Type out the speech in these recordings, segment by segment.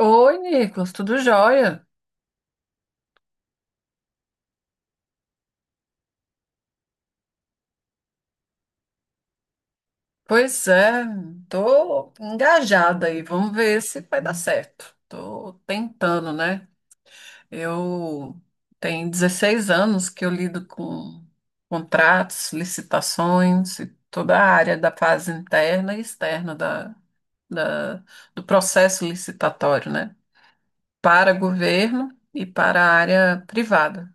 Oi, Nicolas, tudo jóia? Pois é, tô engajada aí, vamos ver se vai dar certo. Tô tentando, né? Eu tenho 16 anos que eu lido com contratos, licitações e toda a área da fase interna e externa da- do processo licitatório, né? Para governo e para a área privada.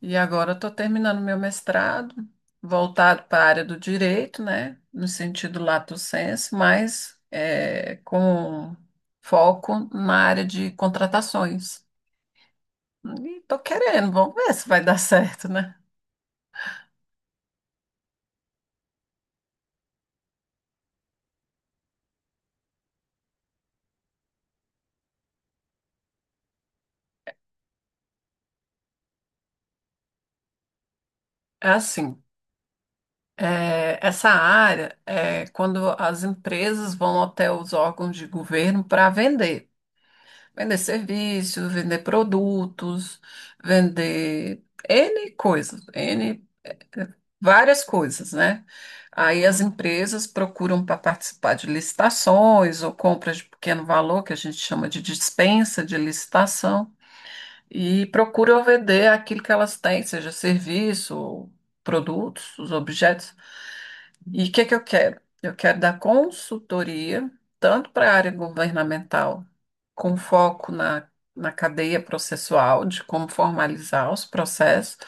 E agora eu estou terminando meu mestrado, voltado para a área do direito, né? No sentido lato sensu, mas com foco na área de contratações. E estou querendo, vamos ver se vai dar certo, né? É assim, essa área é quando as empresas vão até os órgãos de governo para vender. Vender serviços, vender produtos, vender N coisas, N várias coisas, né? Aí as empresas procuram para participar de licitações ou compras de pequeno valor, que a gente chama de dispensa de licitação e procuram vender aquilo que elas têm, seja serviço, produtos, os objetos. E o que que eu quero? Eu quero dar consultoria, tanto para a área governamental, com foco na cadeia processual, de como formalizar os processos,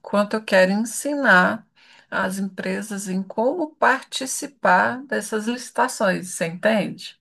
quanto eu quero ensinar as empresas em como participar dessas licitações, você entende?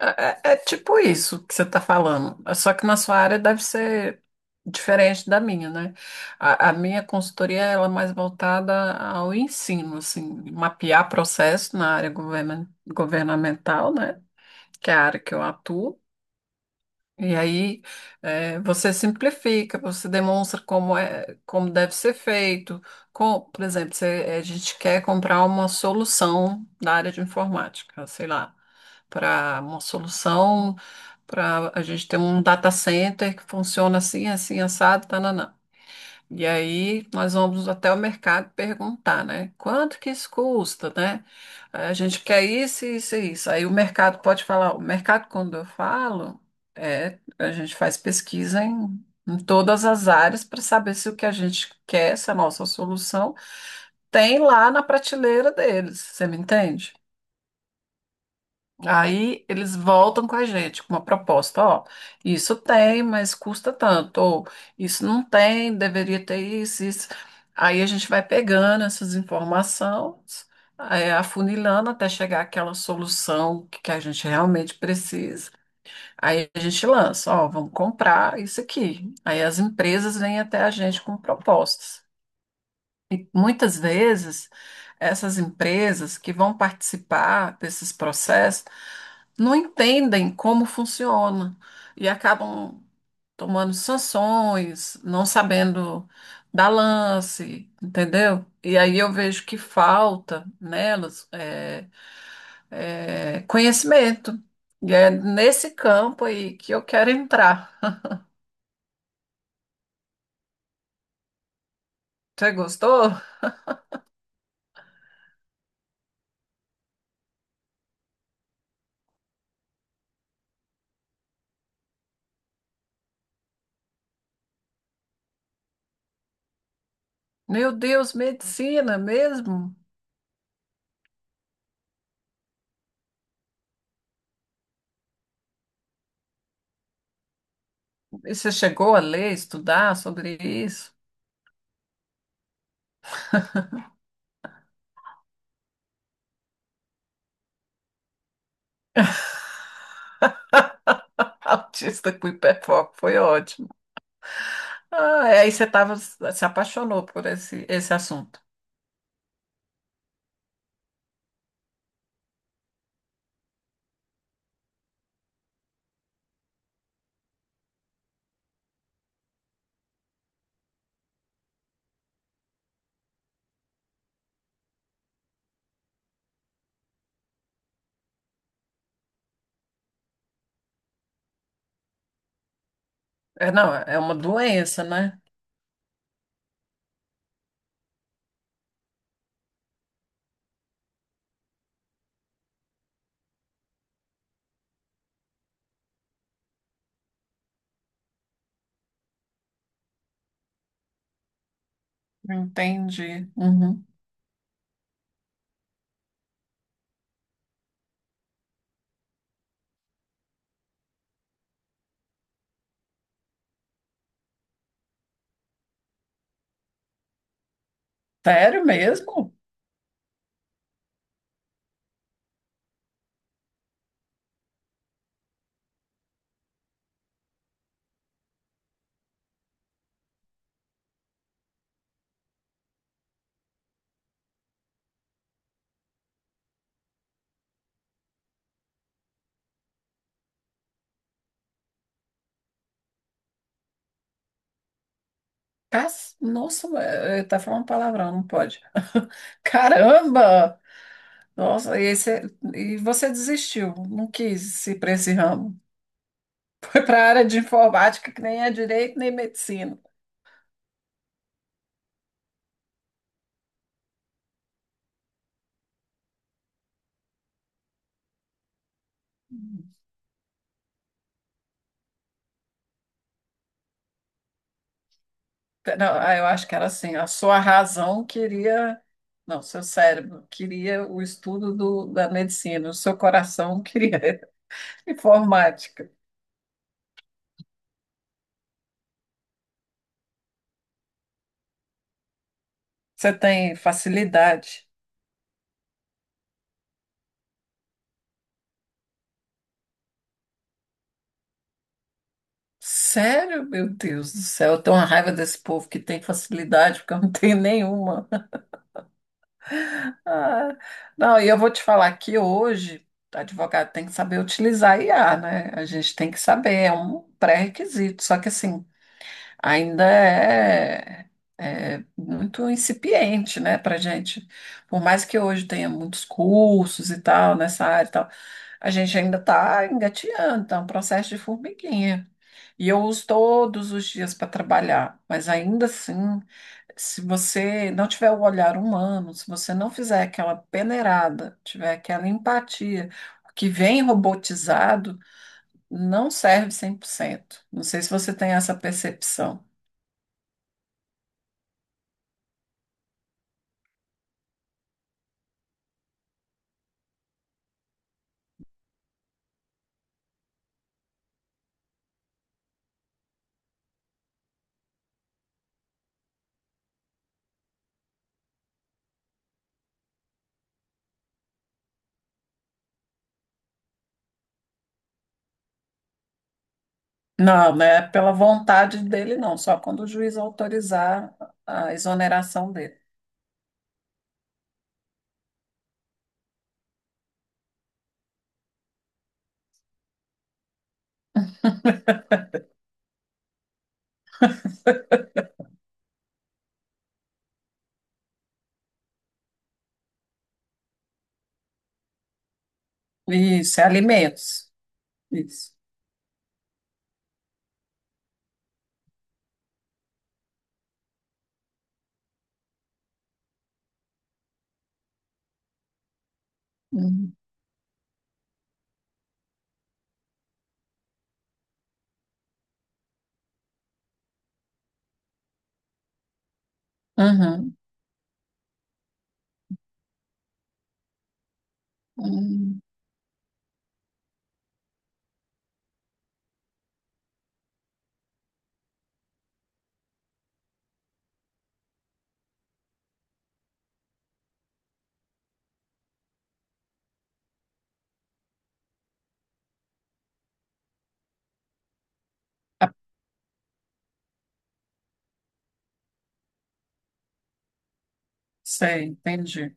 É tipo isso que você está falando, só que na sua área deve ser diferente da minha, né? A minha consultoria ela é mais voltada ao ensino, assim, mapear processo na área governamental, né? Que é a área que eu atuo. E aí você simplifica, você demonstra como é, como deve ser feito. Por exemplo, se a gente quer comprar uma solução da área de informática, sei lá para uma solução, para a gente ter um data center que funciona assim, assim, assado, tananã. E aí nós vamos até o mercado perguntar, né? Quanto que isso custa, né? A gente quer isso, isso e isso. Aí o mercado pode falar, o mercado, quando eu falo, a gente faz pesquisa em todas as áreas para saber se o que a gente quer, se a nossa solução tem lá na prateleira deles. Você me entende? Aí eles voltam com a gente com uma proposta, ó, isso tem, mas custa tanto, ou isso não tem, deveria ter isso, isso. Aí a gente vai pegando essas informações, afunilando até chegar àquela solução que a gente realmente precisa. Aí a gente lança, ó, vamos comprar isso aqui. Aí as empresas vêm até a gente com propostas. Muitas vezes, essas empresas que vão participar desses processos não entendem como funciona e acabam tomando sanções, não sabendo dar lance, entendeu? E aí eu vejo que falta nelas é conhecimento. E é nesse campo aí que eu quero entrar. Você gostou? Meu Deus, medicina mesmo? E você chegou a ler, estudar sobre isso? Autista com hiperfoco, foi ótimo. Ah, aí você tava, se apaixonou por esse assunto. É, não, é uma doença, né? Entendi. Uhum. Sério mesmo? Nossa, tá falando palavrão, não pode. Caramba! Nossa, e você desistiu, não quis ir para esse ramo. Foi para a área de informática, que nem é direito nem medicina. Não, ah, eu acho que era assim, a sua razão queria, não, seu cérebro queria o estudo do, da medicina, o seu coração queria informática. Você tem facilidade. Sério, meu Deus do céu, eu tenho uma raiva desse povo que tem facilidade, porque eu não tenho nenhuma. Ah, não, e eu vou te falar que hoje, advogado tem que saber utilizar IA, né? A gente tem que saber, é um pré-requisito. Só que assim, ainda é muito incipiente, né, para gente. Por mais que hoje tenha muitos cursos e tal nessa área e tal, a gente ainda está engatinhando, está um processo de formiguinha. E eu uso todos os dias para trabalhar, mas ainda assim, se você não tiver o olhar humano, se você não fizer aquela peneirada, tiver aquela empatia, o que vem robotizado não serve 100%. Não sei se você tem essa percepção. Não, não é pela vontade dele, não, só quando o juiz autorizar a exoneração dele. Isso, é alimentos. Isso. Uhum. Uhum. Uhum. Sei, entendi.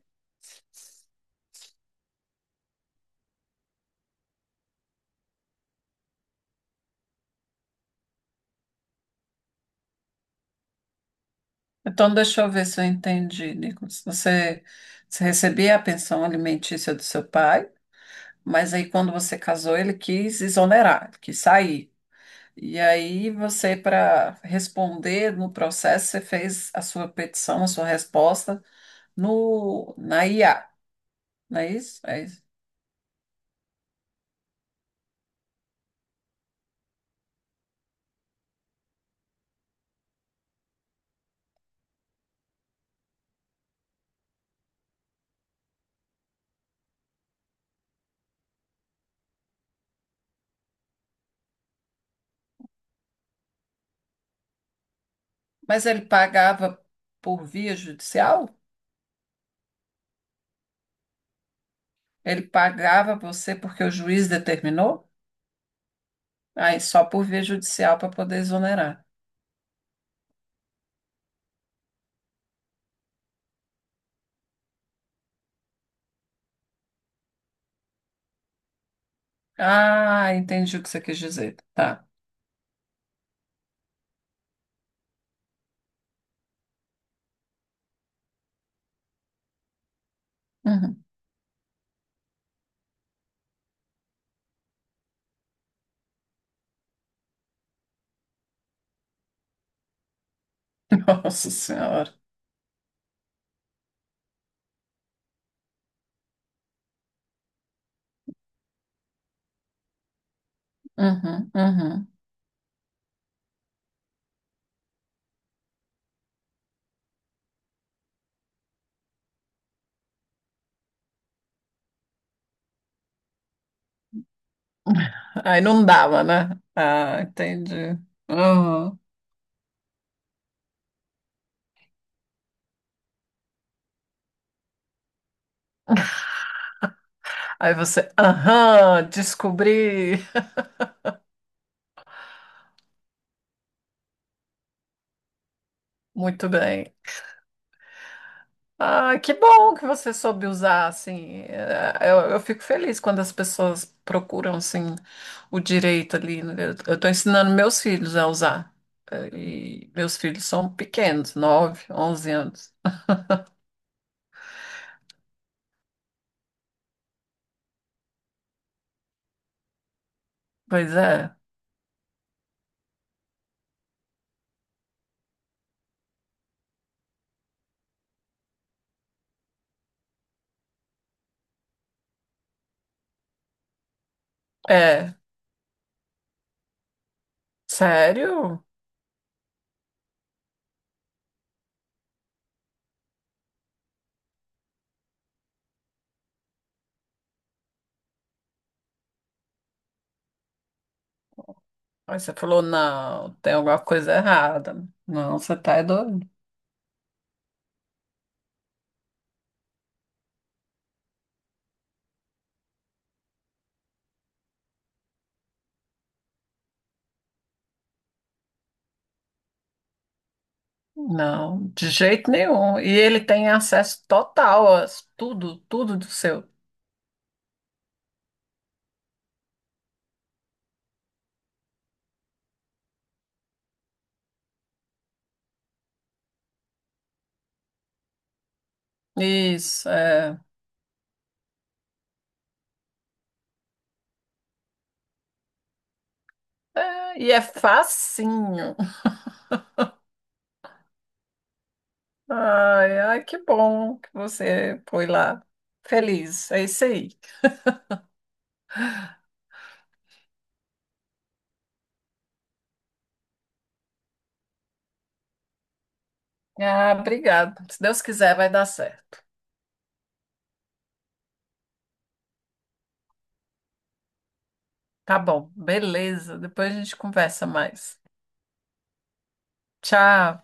Então, deixa eu ver se eu entendi, Nicolas. Você recebia a pensão alimentícia do seu pai, mas aí quando você casou, ele quis exonerar, ele quis sair. E aí você, para responder no processo, você fez a sua petição, a sua resposta no, na IA. Não é isso? É isso. Mas ele pagava por via judicial? Ele pagava você porque o juiz determinou? Aí só por via judicial para poder exonerar. Ah, entendi o que você quis dizer. Tá. Uhum. Nossa Senhora. Uhum, uhum. Aí não dava, né? Ah, entendi. Uhum. Aí você, aham, descobri. Muito bem. Ah, que bom que você soube usar, assim. É, eu fico feliz quando as pessoas procuram, assim, o direito ali, né? Eu estou ensinando meus filhos a usar. É, e meus filhos são pequenos, 9, 11 anos. Pois é. É, sério? Aí você falou, não, tem alguma coisa errada. Não, você tá é doido. Não, de jeito nenhum. E ele tem acesso total a tudo, tudo do seu. Isso, é. É, e é facinho. Ai, ai, que bom que você foi lá. Feliz, é isso aí. Ah, obrigado. Se Deus quiser, vai dar certo. Tá bom, beleza. Depois a gente conversa mais. Tchau.